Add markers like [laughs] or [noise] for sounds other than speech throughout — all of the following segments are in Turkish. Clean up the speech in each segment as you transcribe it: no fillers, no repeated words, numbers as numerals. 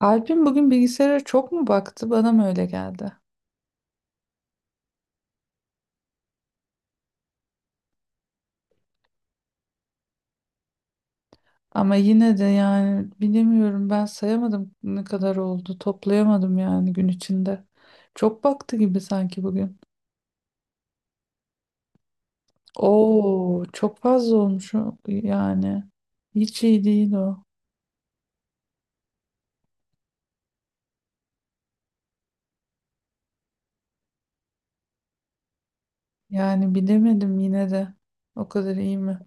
Alp'in bugün bilgisayara çok mu baktı? Bana mı öyle geldi? Ama yine de yani bilemiyorum, ben sayamadım ne kadar oldu. Toplayamadım yani gün içinde. Çok baktı gibi sanki bugün. Oo, çok fazla olmuş yani. Hiç iyi değil o. Yani bilemedim yine de. O kadar iyi mi?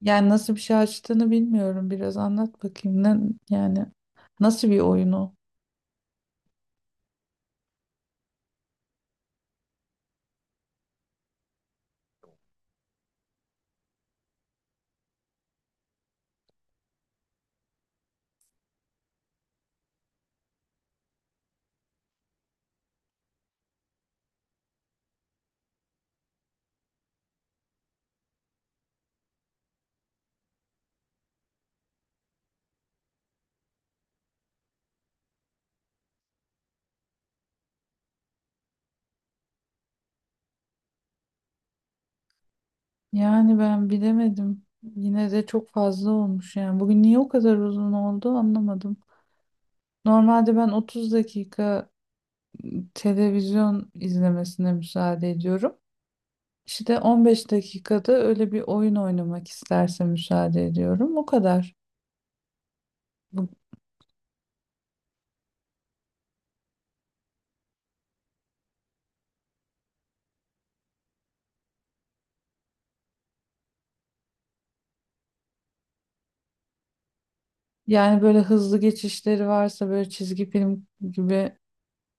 Yani nasıl bir şey açtığını bilmiyorum. Biraz anlat bakayım. Ne, yani nasıl bir oyunu? Yani ben bilemedim. Yine de çok fazla olmuş yani. Bugün niye o kadar uzun oldu anlamadım. Normalde ben 30 dakika televizyon izlemesine müsaade ediyorum. İşte 15 dakikada öyle bir oyun oynamak isterse müsaade ediyorum. O kadar. Bu- Yani böyle hızlı geçişleri varsa, böyle çizgi film gibi,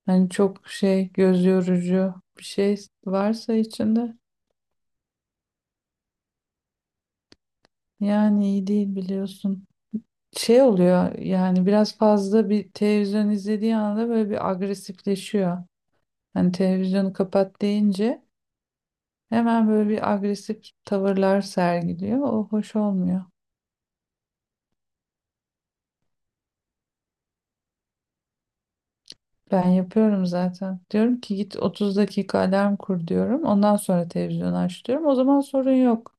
hani çok şey, göz yorucu bir şey varsa içinde, yani iyi değil biliyorsun. Şey oluyor yani, biraz fazla bir televizyon izlediği anda böyle bir agresifleşiyor. Hani televizyonu kapat deyince hemen böyle bir agresif tavırlar sergiliyor. O hoş olmuyor. Ben yapıyorum zaten. Diyorum ki git 30 dakika alarm kur diyorum. Ondan sonra televizyonu aç diyorum. O zaman sorun yok.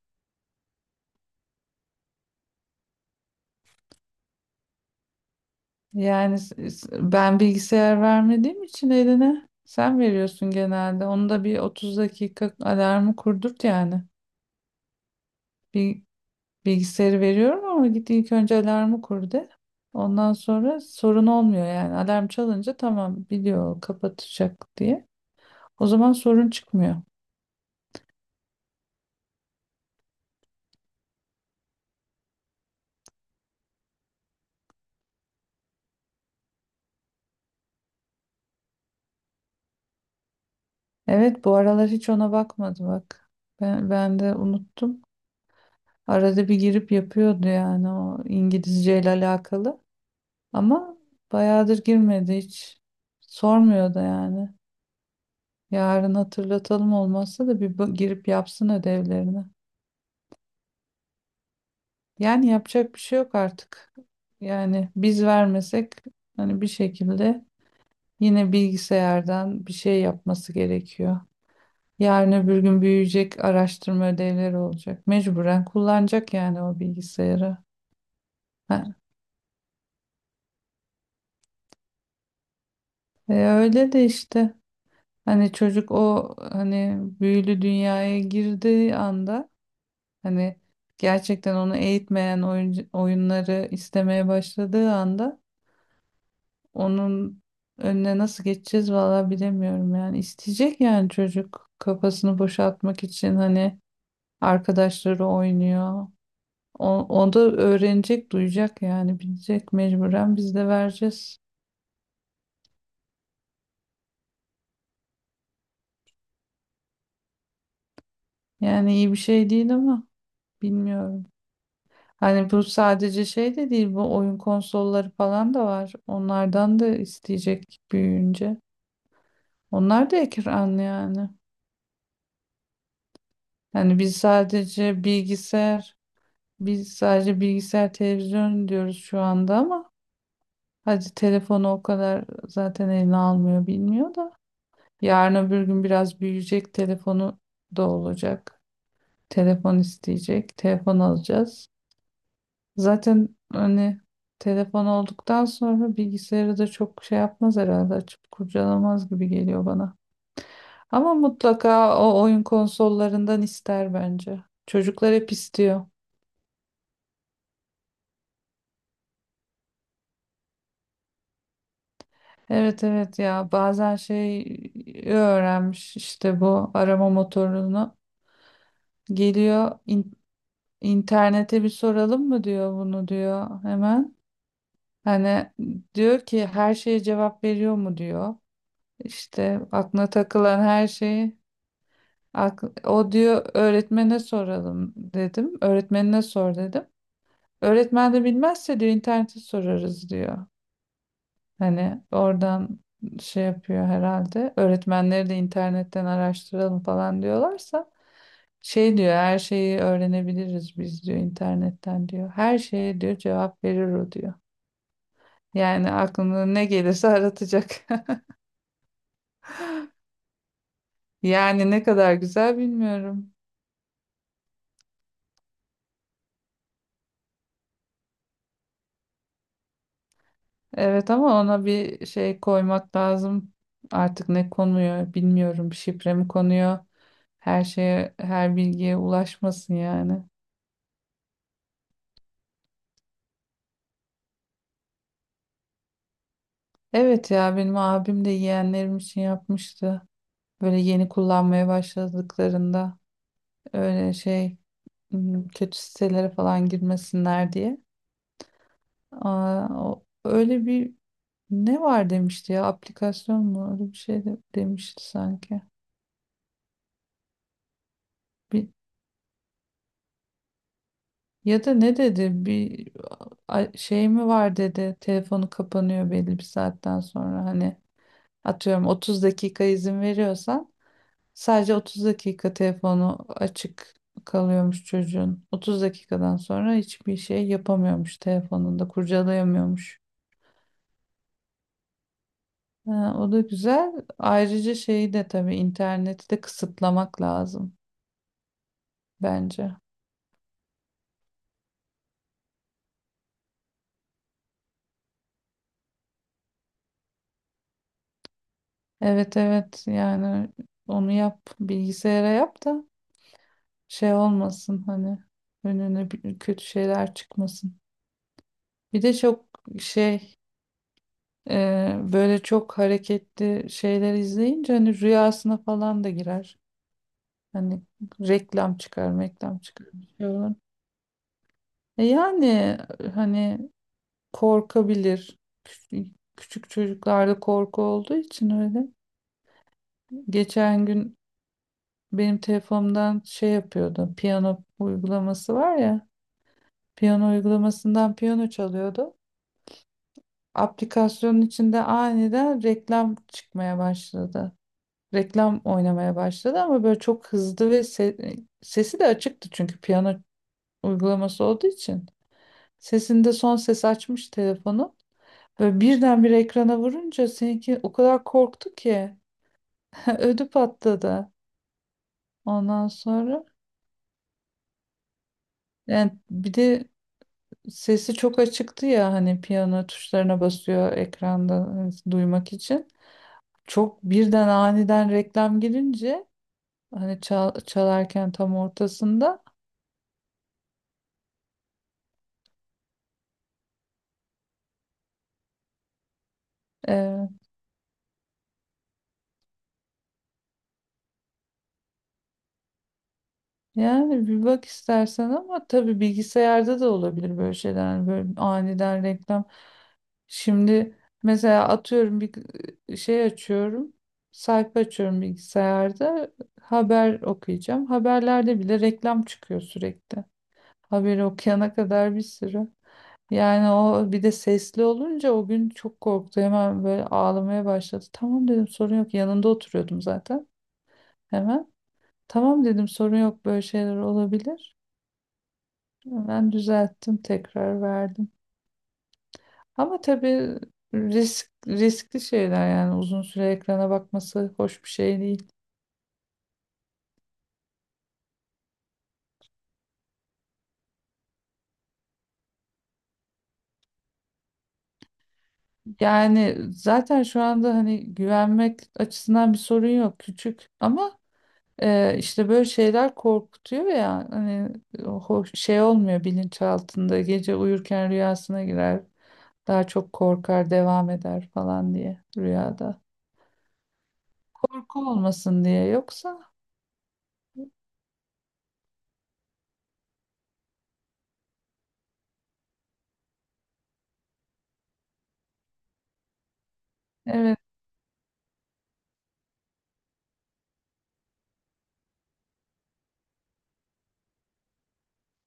Yani ben bilgisayar vermediğim için eline sen veriyorsun genelde. Onu da bir 30 dakika alarmı kurdurt yani. Bir Bilgisayarı veriyorum ama git ilk önce alarmı kur de. Ondan sonra sorun olmuyor yani. Alarm çalınca tamam biliyor kapatacak diye. O zaman sorun çıkmıyor. Evet, bu aralar hiç ona bakmadı bak. Ben de unuttum. Arada bir girip yapıyordu yani, o İngilizce ile alakalı. Ama bayağıdır girmedi hiç. Sormuyor da yani. Yarın hatırlatalım, olmazsa da bir girip yapsın ödevlerini. Yani yapacak bir şey yok artık. Yani biz vermesek hani bir şekilde yine bilgisayardan bir şey yapması gerekiyor. Yarın öbür gün büyüyecek, araştırma ödevleri olacak. Mecburen kullanacak yani o bilgisayarı. Ha, öyle de işte, hani çocuk o hani büyülü dünyaya girdiği anda, hani gerçekten onu eğitmeyen oyunları istemeye başladığı anda, onun önüne nasıl geçeceğiz, vallahi bilemiyorum yani. İsteyecek yani çocuk kafasını boşaltmak için. Hani arkadaşları oynuyor. O, o da öğrenecek, duyacak yani, bilecek, mecburen biz de vereceğiz. Yani iyi bir şey değil ama bilmiyorum. Hani bu sadece şey de değil, bu oyun konsolları falan da var. Onlardan da isteyecek büyüyünce. Onlar da ekran yani. Hani biz sadece bilgisayar Biz sadece bilgisayar, televizyon diyoruz şu anda ama hadi telefonu o kadar zaten eline almıyor, bilmiyor da. Yarın öbür gün biraz büyüyecek, telefonu da olacak. Telefon isteyecek, telefon alacağız. Zaten hani telefon olduktan sonra bilgisayarı da çok şey yapmaz herhalde, açıp kurcalamaz gibi geliyor bana. Ama mutlaka o oyun konsollarından ister bence. Çocuklar hep istiyor. Evet, evet ya, bazen şey, öğrenmiş işte bu arama motorunu, geliyor, internete bir soralım mı diyor bunu diyor hemen. Hani diyor ki her şeye cevap veriyor mu diyor. İşte aklına takılan her şeyi, o diyor öğretmene soralım dedim. Öğretmenine sor dedim. Öğretmen de bilmezse diyor internete sorarız diyor. Hani oradan şey yapıyor herhalde. Öğretmenleri de internetten araştıralım falan diyorlarsa şey diyor, her şeyi öğrenebiliriz biz diyor internetten diyor. Her şeye diyor cevap verir o diyor. Yani aklına ne gelirse aratacak. [laughs] Yani ne kadar güzel bilmiyorum. Evet ama ona bir şey koymak lazım. Artık ne konuyor bilmiyorum. Şifre mi konuyor? Her şeye, her bilgiye ulaşmasın yani. Evet ya, benim abim de yeğenlerim için yapmıştı. Böyle yeni kullanmaya başladıklarında, öyle şey, kötü sitelere falan girmesinler diye. Aa, öyle bir ne var demişti ya, aplikasyon mu öyle bir şey de, demişti sanki. Bir, ya da ne dedi, bir şey mi var dedi, telefonu kapanıyor belli bir saatten sonra. Hani atıyorum 30 dakika izin veriyorsan, sadece 30 dakika telefonu açık kalıyormuş çocuğun. 30 dakikadan sonra hiçbir şey yapamıyormuş telefonunda, kurcalayamıyormuş. Ha, o da güzel. Ayrıca şeyi de tabii, interneti de kısıtlamak lazım bence. Evet, evet yani onu yap, bilgisayara yap da şey olmasın hani, önüne kötü şeyler çıkmasın. Bir de çok şey, e, böyle çok hareketli şeyler izleyince hani rüyasına falan da girer. Hani reklam çıkar, reklam çıkar, bir şey olur. E yani hani korkabilir. Küçük küçük çocuklarda korku olduğu için öyle. Geçen gün benim telefonumdan şey yapıyordu. Piyano uygulaması var ya. Piyano uygulamasından piyano çalıyordu. Aplikasyonun içinde aniden reklam çıkmaya başladı. Reklam oynamaya başladı ama böyle çok hızlı ve sesi de açıktı çünkü piyano uygulaması olduğu için. Sesinde son ses açmış telefonu. Böyle birdenbire ekrana vurunca seninki o kadar korktu ki [laughs] ödü patladı. Ondan sonra yani, bir de sesi çok açıktı ya, hani piyano tuşlarına basıyor ekranda hani duymak için. Çok birden aniden reklam girince, hani çalarken tam ortasında. Yani bir bak istersen ama tabii bilgisayarda da olabilir böyle şeyler. Yani böyle aniden reklam. Şimdi mesela atıyorum bir şey açıyorum. Sayfa açıyorum bilgisayarda. Haber okuyacağım. Haberlerde bile reklam çıkıyor sürekli. Haberi okuyana kadar bir sürü. Yani o, bir de sesli olunca o gün çok korktu. Hemen böyle ağlamaya başladı. Tamam dedim, sorun yok. Yanında oturuyordum zaten. Hemen. Tamam dedim, sorun yok böyle şeyler olabilir. Ben düzelttim, tekrar verdim. Ama tabii riskli şeyler yani uzun süre ekrana bakması hoş bir şey değil. Yani zaten şu anda hani güvenmek açısından bir sorun yok, küçük ama işte böyle şeyler korkutuyor ya hani, hoş şey olmuyor, bilinçaltında gece uyurken rüyasına girer, daha çok korkar devam eder falan diye rüyada. Korku olmasın diye yoksa. Evet.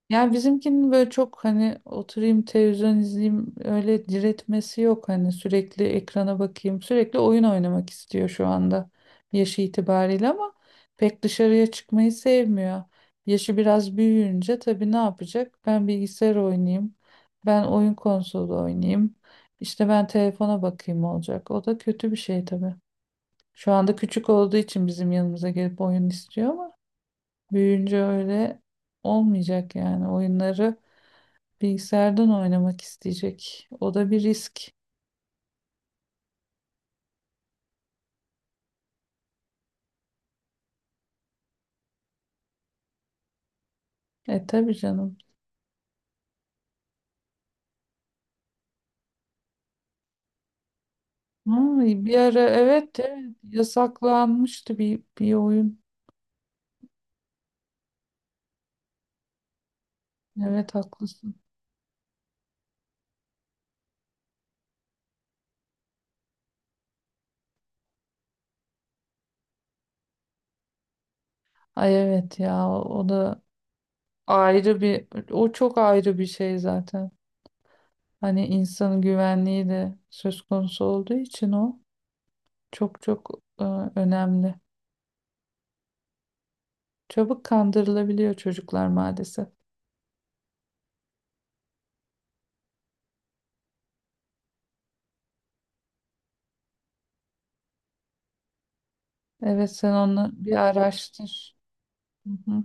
Yani bizimkinin böyle çok hani oturayım televizyon izleyeyim öyle diretmesi yok, hani sürekli ekrana bakayım sürekli oyun oynamak istiyor şu anda yaşı itibariyle ama pek dışarıya çıkmayı sevmiyor. Yaşı biraz büyüyünce tabii ne yapacak? Ben bilgisayar oynayayım, ben oyun konsolu oynayayım, işte ben telefona bakayım olacak. O da kötü bir şey tabii. Şu anda küçük olduğu için bizim yanımıza gelip oyun istiyor ama büyüyünce öyle olmayacak yani oyunları. Bilgisayardan oynamak isteyecek. O da bir risk. E tabii canım. Ha, bir ara, evet, evet, yasaklanmıştı bir oyun. Evet, haklısın. Ay, evet ya, o da ayrı, bir o çok ayrı bir şey zaten. Hani insanın güvenliği de söz konusu olduğu için o çok çok e, önemli. Çabuk kandırılabiliyor çocuklar maalesef. Evet, sen onu bir araştır. Hı hı.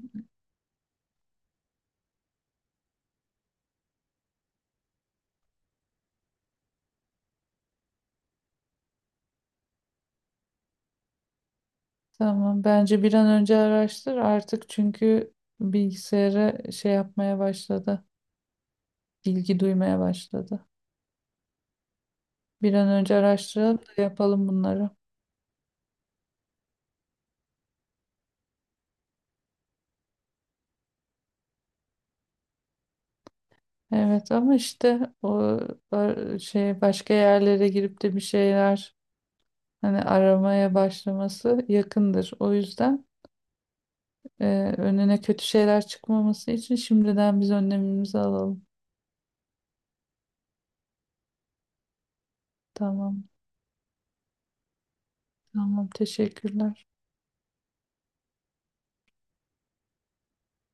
Tamam, bence bir an önce araştır artık çünkü bilgisayara şey yapmaya başladı. Bilgi duymaya başladı. Bir an önce araştıralım da yapalım bunları. Evet ama işte o şey, başka yerlere girip de bir şeyler hani aramaya başlaması yakındır. O yüzden e, önüne kötü şeyler çıkmaması için şimdiden biz önlemimizi alalım. Tamam, tamam, teşekkürler.